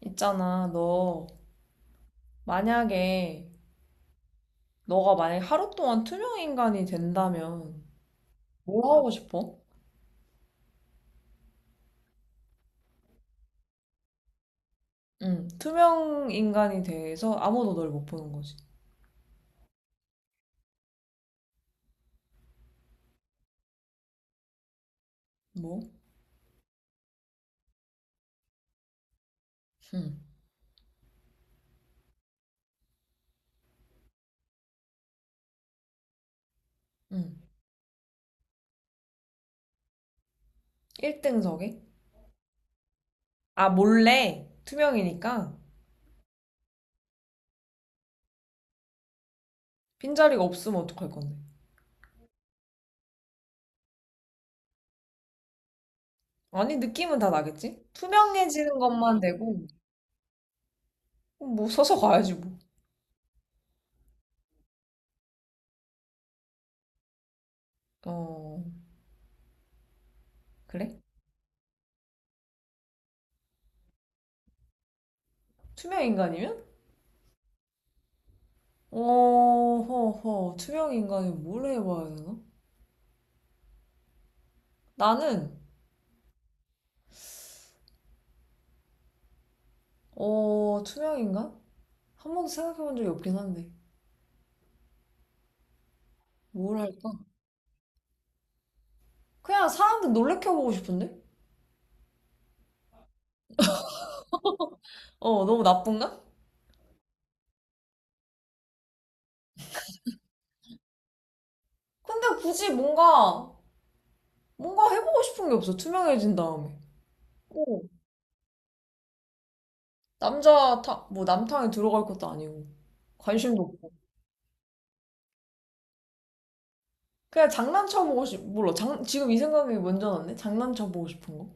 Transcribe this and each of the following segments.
있잖아, 너 만약에 너가 만약 하루 동안 투명 인간이 된다면 뭐 하고 싶어? 응, 투명 인간이 돼서 아무도 널 못 보는 거지. 뭐? 응, 응. 1등석에? 아, 몰래 투명이니까. 빈자리가 없으면 어떡할 건데? 아니, 느낌은 다 나겠지? 투명해지는 것만 되고. 뭐 서서 가야지 뭐. 어, 그래? 투명 인간이면? 투명 인간이 뭘 해봐야 되나? 나는 투명인간? 한 번도 생각해 본 적이 없긴 한데. 뭘 할까? 그냥 사람들 놀래켜보고 싶은데? 어, 너무 나쁜가? 근데 굳이 뭔가 해보고 싶은 게 없어. 투명해진 다음에. 오, 남자 탕, 뭐 남탕에 들어갈 것도 아니고. 관심도 없고. 그냥 장난쳐보고 싶, 몰라. 장, 지금 이 생각이 먼저 났네? 장난쳐보고 싶은 거?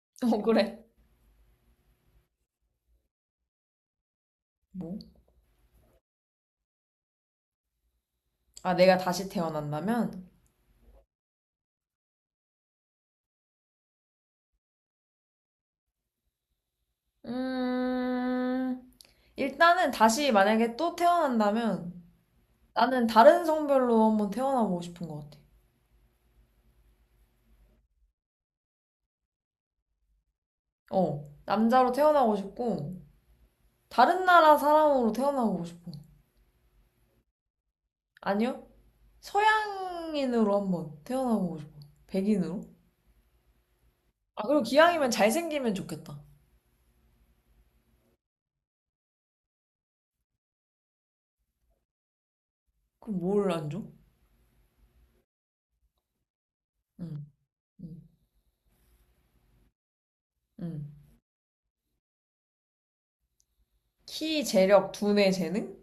어, 그래. 뭐? 아, 내가 다시 태어난다면? 음, 일단은 다시 만약에 또 태어난다면, 나는 다른 성별로 한번 태어나보고 싶은 것 같아. 어, 남자로 태어나고 싶고, 다른 나라 사람으로 태어나보고 싶어. 아니요? 서양인으로 한번 태어나보고 싶어. 백인으로? 아, 그리고 기왕이면 잘생기면 좋겠다. 그럼 뭘 안 줘? 응, 응, 응. 키, 재력, 두뇌, 재능?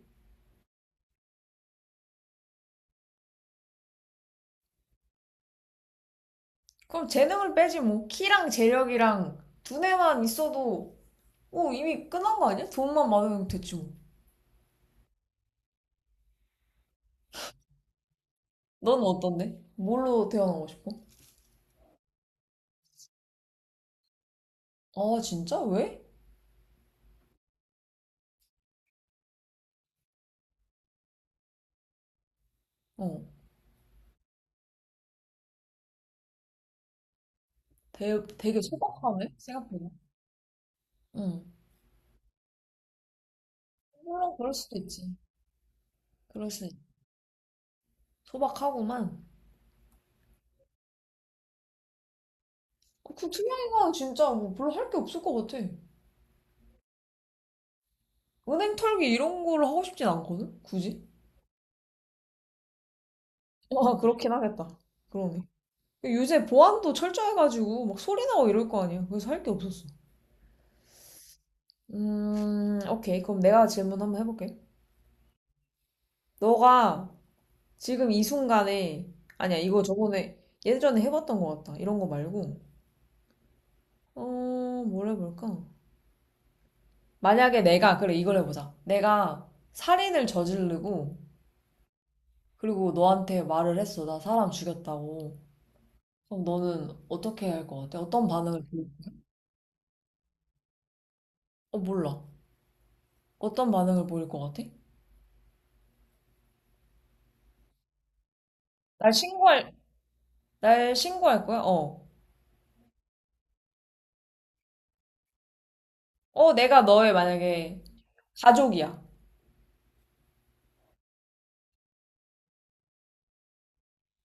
그럼 재능을 빼지 뭐. 키랑 재력이랑 두뇌만 있어도, 오, 이미 끝난 거 아니야? 돈만 많으면 됐지 뭐. 넌 어떤데? 뭘로 태어나고 싶어? 아, 진짜? 왜? 어. 되게, 되게 소박하네, 생각보다. 응. 물론 그럴 수도 있지. 그럴 수 있지. 소박하구만. 그 투명이가 진짜 뭐 별로 할 게 없을 것 같아. 은행 털기 이런 거를 하고 싶진 않거든? 굳이? 아, 그렇긴 하겠다. 그러네. 요새 보안도 철저해가지고 막 소리 나고 이럴 거 아니야. 그래서 할 게 없었어. 오케이. 그럼 내가 질문 한번 해볼게. 너가 지금 이 순간에, 아니야, 이거 저번에, 예전에 해봤던 것 같다. 이런 거 말고, 어, 뭘 해볼까? 만약에 내가, 그래, 이걸 해보자. 내가 살인을 저지르고, 그리고 너한테 말을 했어. 나 사람 죽였다고. 그럼 너는 어떻게 할 것 같아? 어떤 반응을 보일, 어, 몰라. 어떤 반응을 보일 것 같아? 날 신고할, 날 신고할 거야? 어. 어, 내가 너의 만약에 가족이야.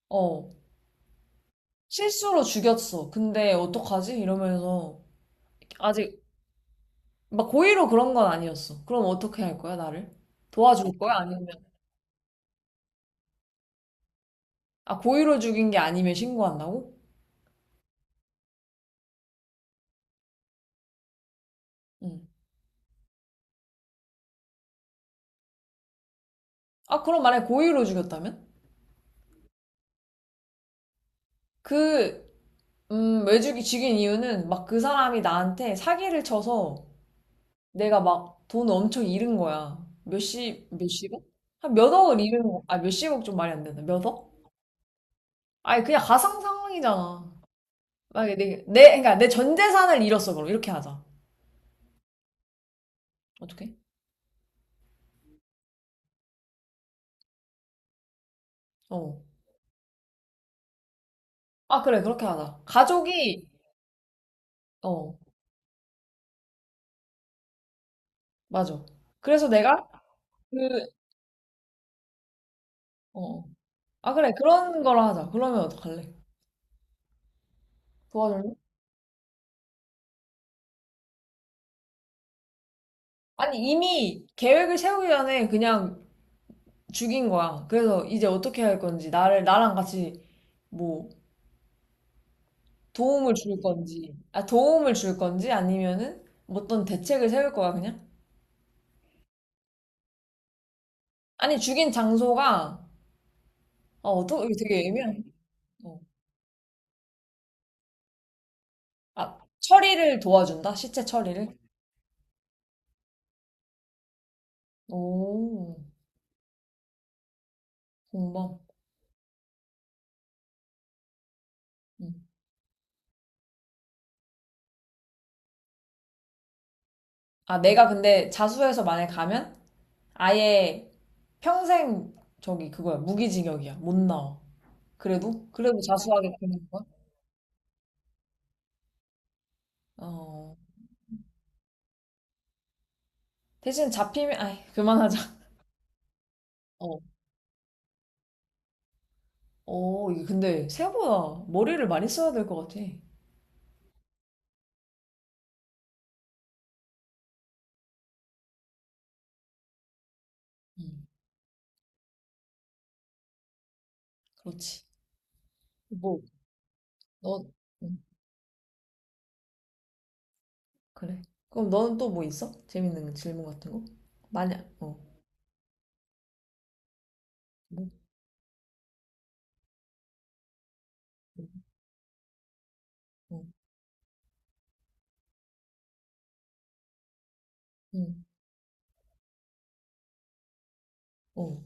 어. 실수로 죽였어. 근데 어떡하지? 이러면서 아직 막 고의로 그런 건 아니었어. 그럼 어떻게 할 거야, 나를? 도와줄 거야? 아니면, 아, 고의로 죽인 게 아니면 신고한다고? 응. 아, 그럼 만약에 고의로 죽였다면? 그, 왜 죽인 이유는 막 그 사람이 나한테 사기를 쳐서 내가 막 돈 엄청 잃은 거야. 몇십, 몇십억? 한 몇 억을 잃은 거, 아, 몇십억 좀 말이 안 된다. 몇 억? 아니, 그냥 가상 상황이잖아. 만약에 그러니까 내 전 재산을 잃었어, 그럼. 이렇게 하자. 어떻게? 어. 아, 그래, 그렇게 하자. 가족이, 어, 맞아. 그래서 내가 그, 어. 아, 그래, 그런 거로 하자. 그러면 어떡할래? 도와줄래? 아니, 이미 계획을 세우기 전에 그냥 죽인 거야. 그래서 이제 어떻게 할 건지, 나를, 나랑 같이 뭐 도움을 줄 건지, 아, 도움을 줄 건지 아니면은 뭐 어떤 대책을 세울 거야, 그냥? 아니, 죽인 장소가, 어, 어떻게 되게 애매한, 어. 아, 처리를 도와준다? 시체 처리를? 오, 공범. 음. 아, 내가 근데 자수해서 만약 가면 아예 평생 저기 그거야, 무기징역이야. 못 나와. 그래도? 그래도 자수하게 되는 거야? 어. 대신 잡히면, 아이, 그만하자. 어. 어, 이게 근데 생각보다 머리를 많이 써야 될 것 같아. 응, 그렇지. 뭐, 너, 응, 그래. 그럼 너는 또 뭐 있어? 재밌는 질문 같은 거? 만약, 어, 뭐, 응, 응, 어.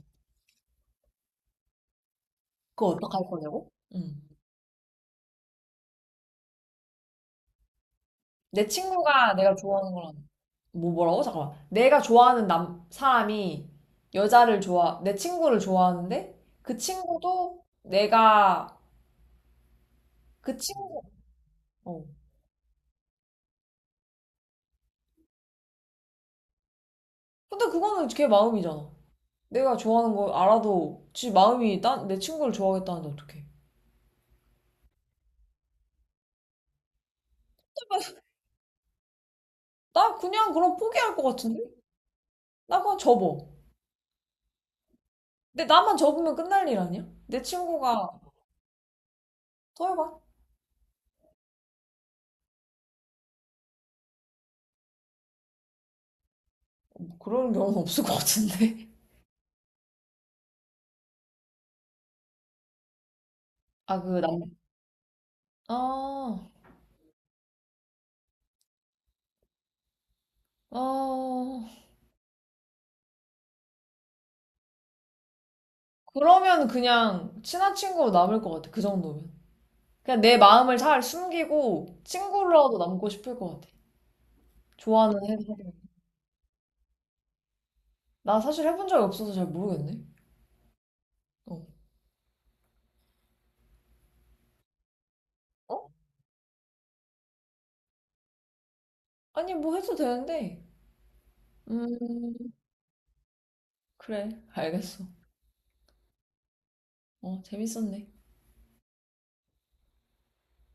그거 어떡할 거냐고? 응. 내 친구가 내가 좋아하는 거랑 뭐 뭐라고? 잠깐만. 내가 좋아하는 남 사람이 여자를 좋아 내 친구를 좋아하는데 그 친구도 내가 그 친구 어. 근데 그거는 걔 마음이잖아. 내가 좋아하는 걸 알아도 지 마음이 난 내 친구를 좋아하겠다는데 어떡해. 나 그냥 그럼 포기할 것 같은데? 나 그냥 접어. 근데 나만 접으면 끝날 일 아니야? 내 친구가 더 해봐. 그런 경우는 없을 것 같은데. 아, 그 남, 아, 아, 그러면 그냥 친한 친구로 남을 것 같아. 그 정도면. 그냥 내 마음을 잘 숨기고 친구로라도 남고 싶을 것 같아. 좋아하는 해설나 사실 해본 적이 없어서 잘 모르겠네. 어. 어? 아니, 뭐 해도 되는데. 음, 그래. 알겠어. 어, 재밌었네.